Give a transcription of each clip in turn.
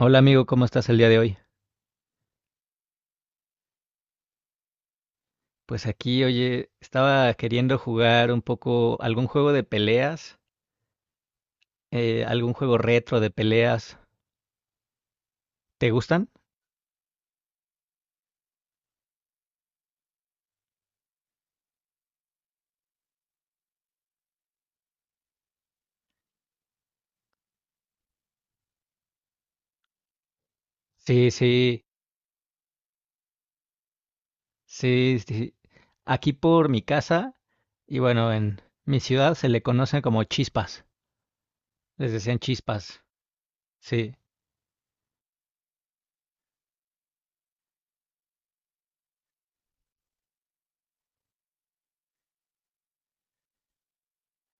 Hola amigo, ¿cómo estás el día de hoy? Pues aquí, oye, estaba queriendo jugar un poco algún juego de peleas, algún juego retro de peleas. ¿Te gustan? Sí, sí, sí, sí. Aquí por mi casa, y bueno, en mi ciudad se le conocen como chispas. Les decían chispas, sí.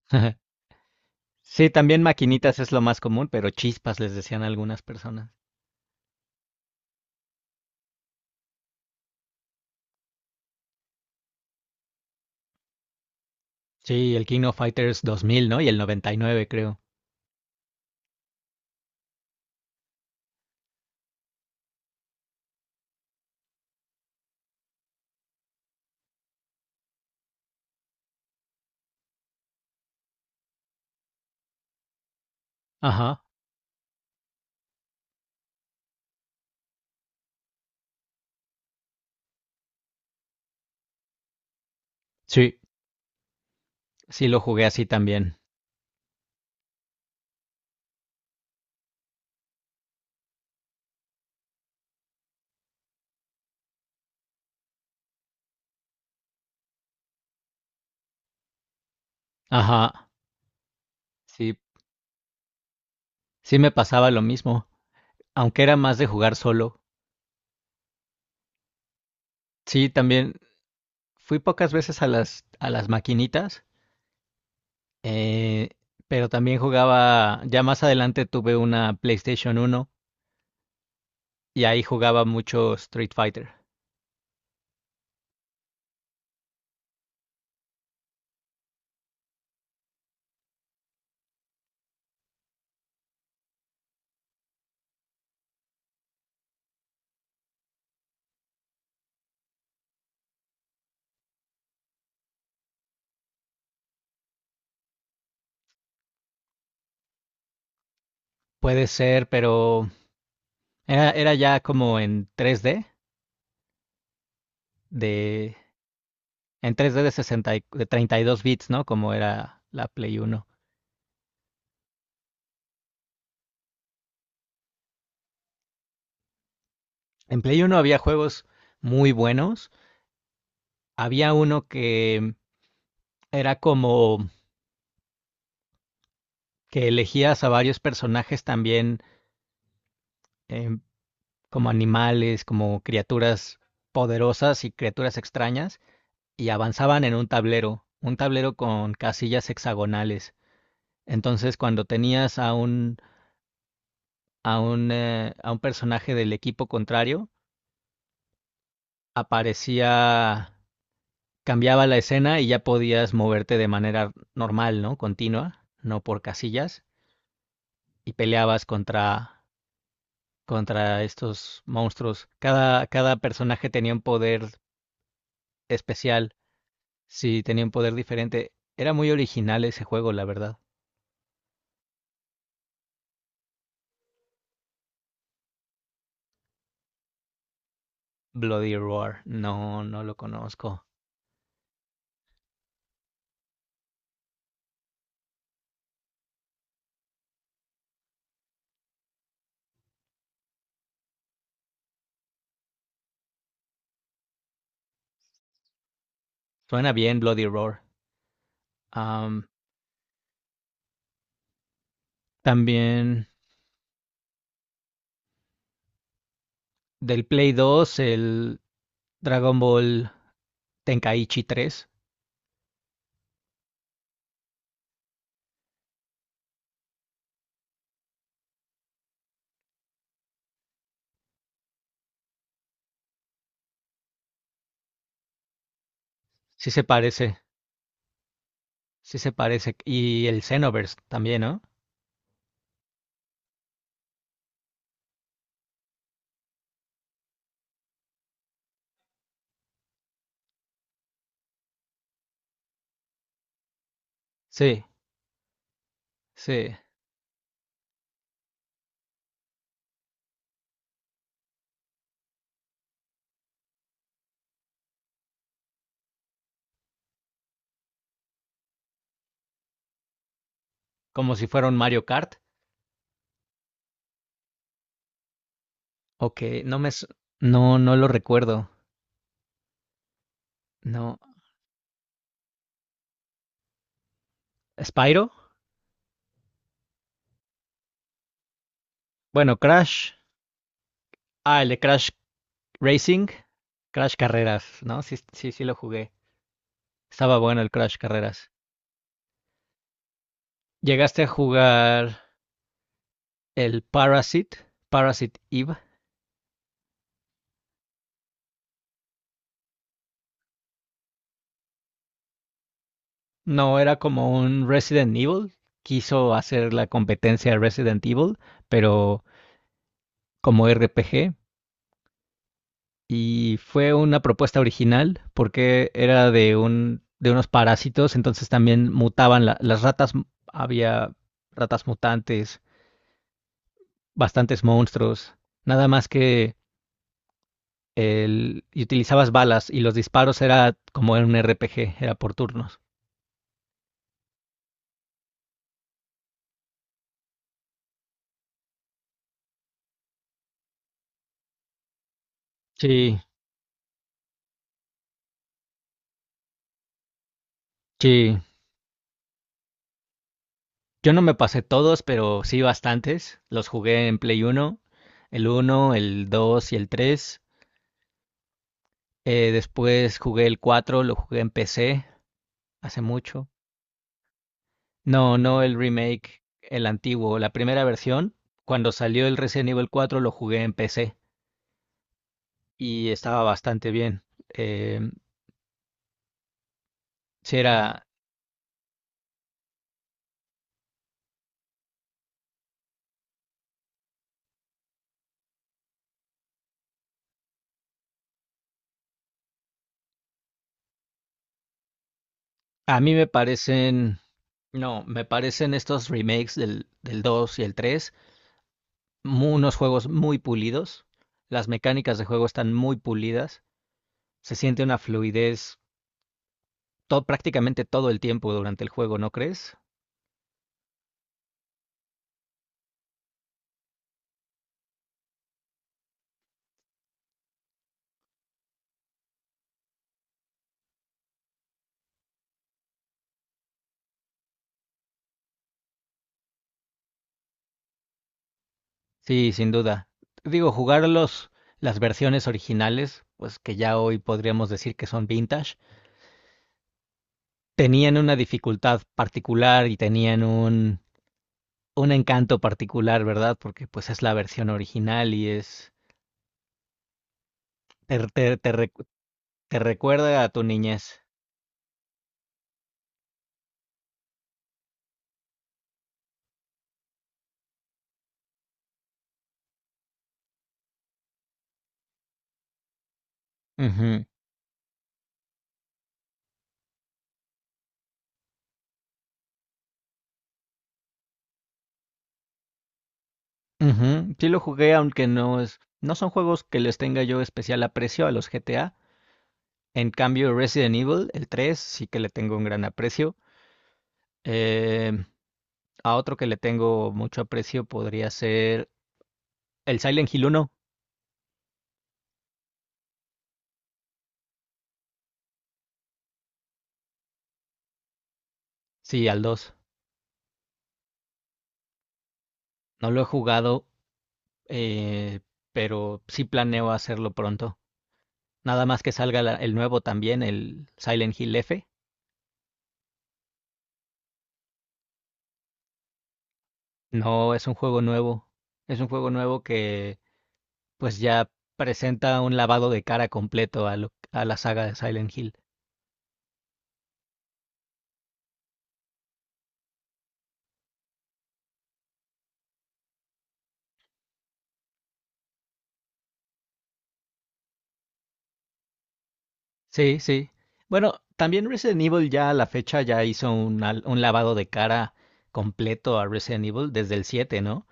Sí, también maquinitas es lo más común, pero chispas les decían algunas personas. Sí, el King of Fighters 2000, ¿no? Y el 99, creo. Ajá. Sí, sí lo jugué así también. Ajá. Sí, sí me pasaba lo mismo, aunque era más de jugar solo. Sí, también fui pocas veces a las maquinitas, eh, pero también jugaba. Ya más adelante tuve una PlayStation uno y ahí jugaba mucho Street Fighter. Puede ser, pero era ya como en 3D, de, en 3D de 60, de 32 bits, ¿no? Como era la Play uno. En Play uno había juegos muy buenos. Había uno que era como que elegías a varios personajes también, eh, como animales, como criaturas poderosas y criaturas extrañas, y avanzaban en un tablero con casillas hexagonales. Entonces, cuando tenías a un personaje del equipo contrario, aparecía, cambiaba la escena y ya podías moverte de manera normal, ¿no? Continua, no por casillas, y peleabas contra estos monstruos. Cada personaje tenía un poder especial. Sí, tenía un poder diferente. Era muy original ese juego, la verdad. Bloody Roar, no, no lo conozco. Suena bien Bloody Roar. Am, también del Play 2, el Dragon Ball Tenkaichi 3. Sí se parece, sí se parece. Y el Xenoverse también, ¿no? Sí, sí. Como si fuera un Mario Kart. Ok. No, no lo recuerdo. No. Spyro. Bueno, Crash. Ah, el de Crash Racing. Crash Carreras, ¿no? Sí, sí, sí lo jugué. Estaba bueno el Crash Carreras. ¿Llegaste a jugar el Parasite? Parasite Eve. No, era como un Resident Evil. Quiso hacer la competencia de Resident Evil, pero como RPG. Y fue una propuesta original porque era de un de unos parásitos. Entonces también mutaban las ratas, había ratas mutantes, bastantes monstruos. Nada más que y utilizabas balas, y los disparos era como en un RPG, era por turnos. Sí, sí. Yo no me pasé todos, pero sí bastantes. Los jugué en Play uno, el uno, el 2 y el tres. Después jugué el cuatro, lo jugué en PC hace mucho. No, no el remake, el antiguo, la primera versión. Cuando salió el Resident Evil 4 lo jugué en PC y estaba bastante bien. Eh, sí era. A mí me parecen, no, me parecen estos remakes del 2 y el 3, unos juegos muy pulidos. Las mecánicas de juego están muy pulidas, se siente una fluidez prácticamente todo el tiempo durante el juego, ¿no crees? Sí, sin duda. Digo, jugar las versiones originales, pues que ya hoy podríamos decir que son vintage, tenían una dificultad particular y tenían un encanto particular, ¿verdad? Porque pues es la versión original y es. Te, te- te recu- te recuerda a tu niñez. Ujú, ujú. Sí lo jugué, aunque no es, no son juegos que les tenga yo especial aprecio a los GTA. En cambio, Resident Evil, el 3 sí que le tengo un gran aprecio. Eh, a otro que le tengo mucho aprecio podría ser el Silent Hill uno. Sí, al 2. No lo he jugado, eh, pero sí planeo hacerlo pronto. Nada más que salga el nuevo también, el Silent Hill F. No, es un juego nuevo. Es un juego nuevo que pues ya presenta un lavado de cara completo a la saga de Silent Hill. Sí, sí. Bueno, también Resident Evil ya a la fecha ya hizo un lavado de cara completo a Resident Evil desde el 7, ¿no?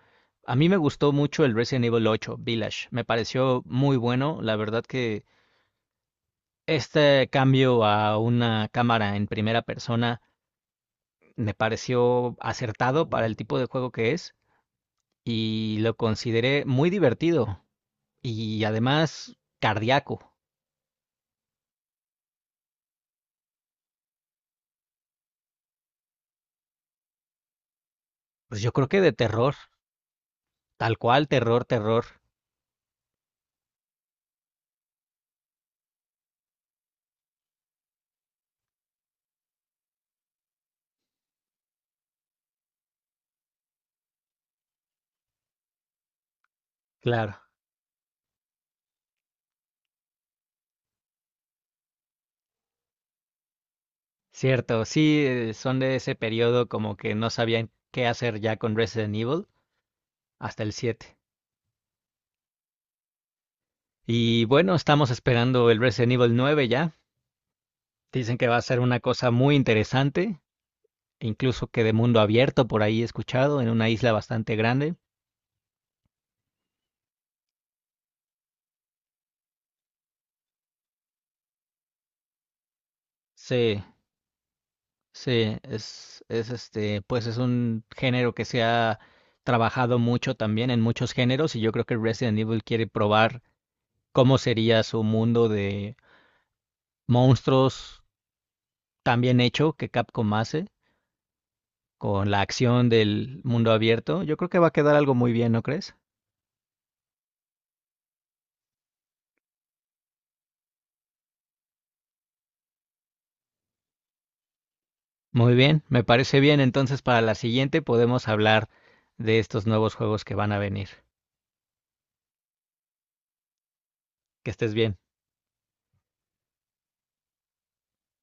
A mí me gustó mucho el Resident Evil ocho Village. Me pareció muy bueno. La verdad que este cambio a una cámara en primera persona me pareció acertado para el tipo de juego que es, y lo consideré muy divertido y además cardíaco. Pues yo creo que de terror, tal cual, terror, terror. Claro, cierto, sí, son de ese periodo como que no sabían qué hacer ya con Resident Evil hasta el siete. Y bueno, estamos esperando el Resident Evil nueve ya. Dicen que va a ser una cosa muy interesante, e incluso que de mundo abierto por ahí he escuchado, en una isla bastante grande. Sí, sí, es este, pues es un género que se ha trabajado mucho también en muchos géneros, y yo creo que Resident Evil quiere probar cómo sería su mundo de monstruos tan bien hecho que Capcom hace, con la acción del mundo abierto. Yo creo que va a quedar algo muy bien, ¿no crees? Muy bien, me parece bien. Entonces para la siguiente podemos hablar de estos nuevos juegos que van a venir. Que estés bien.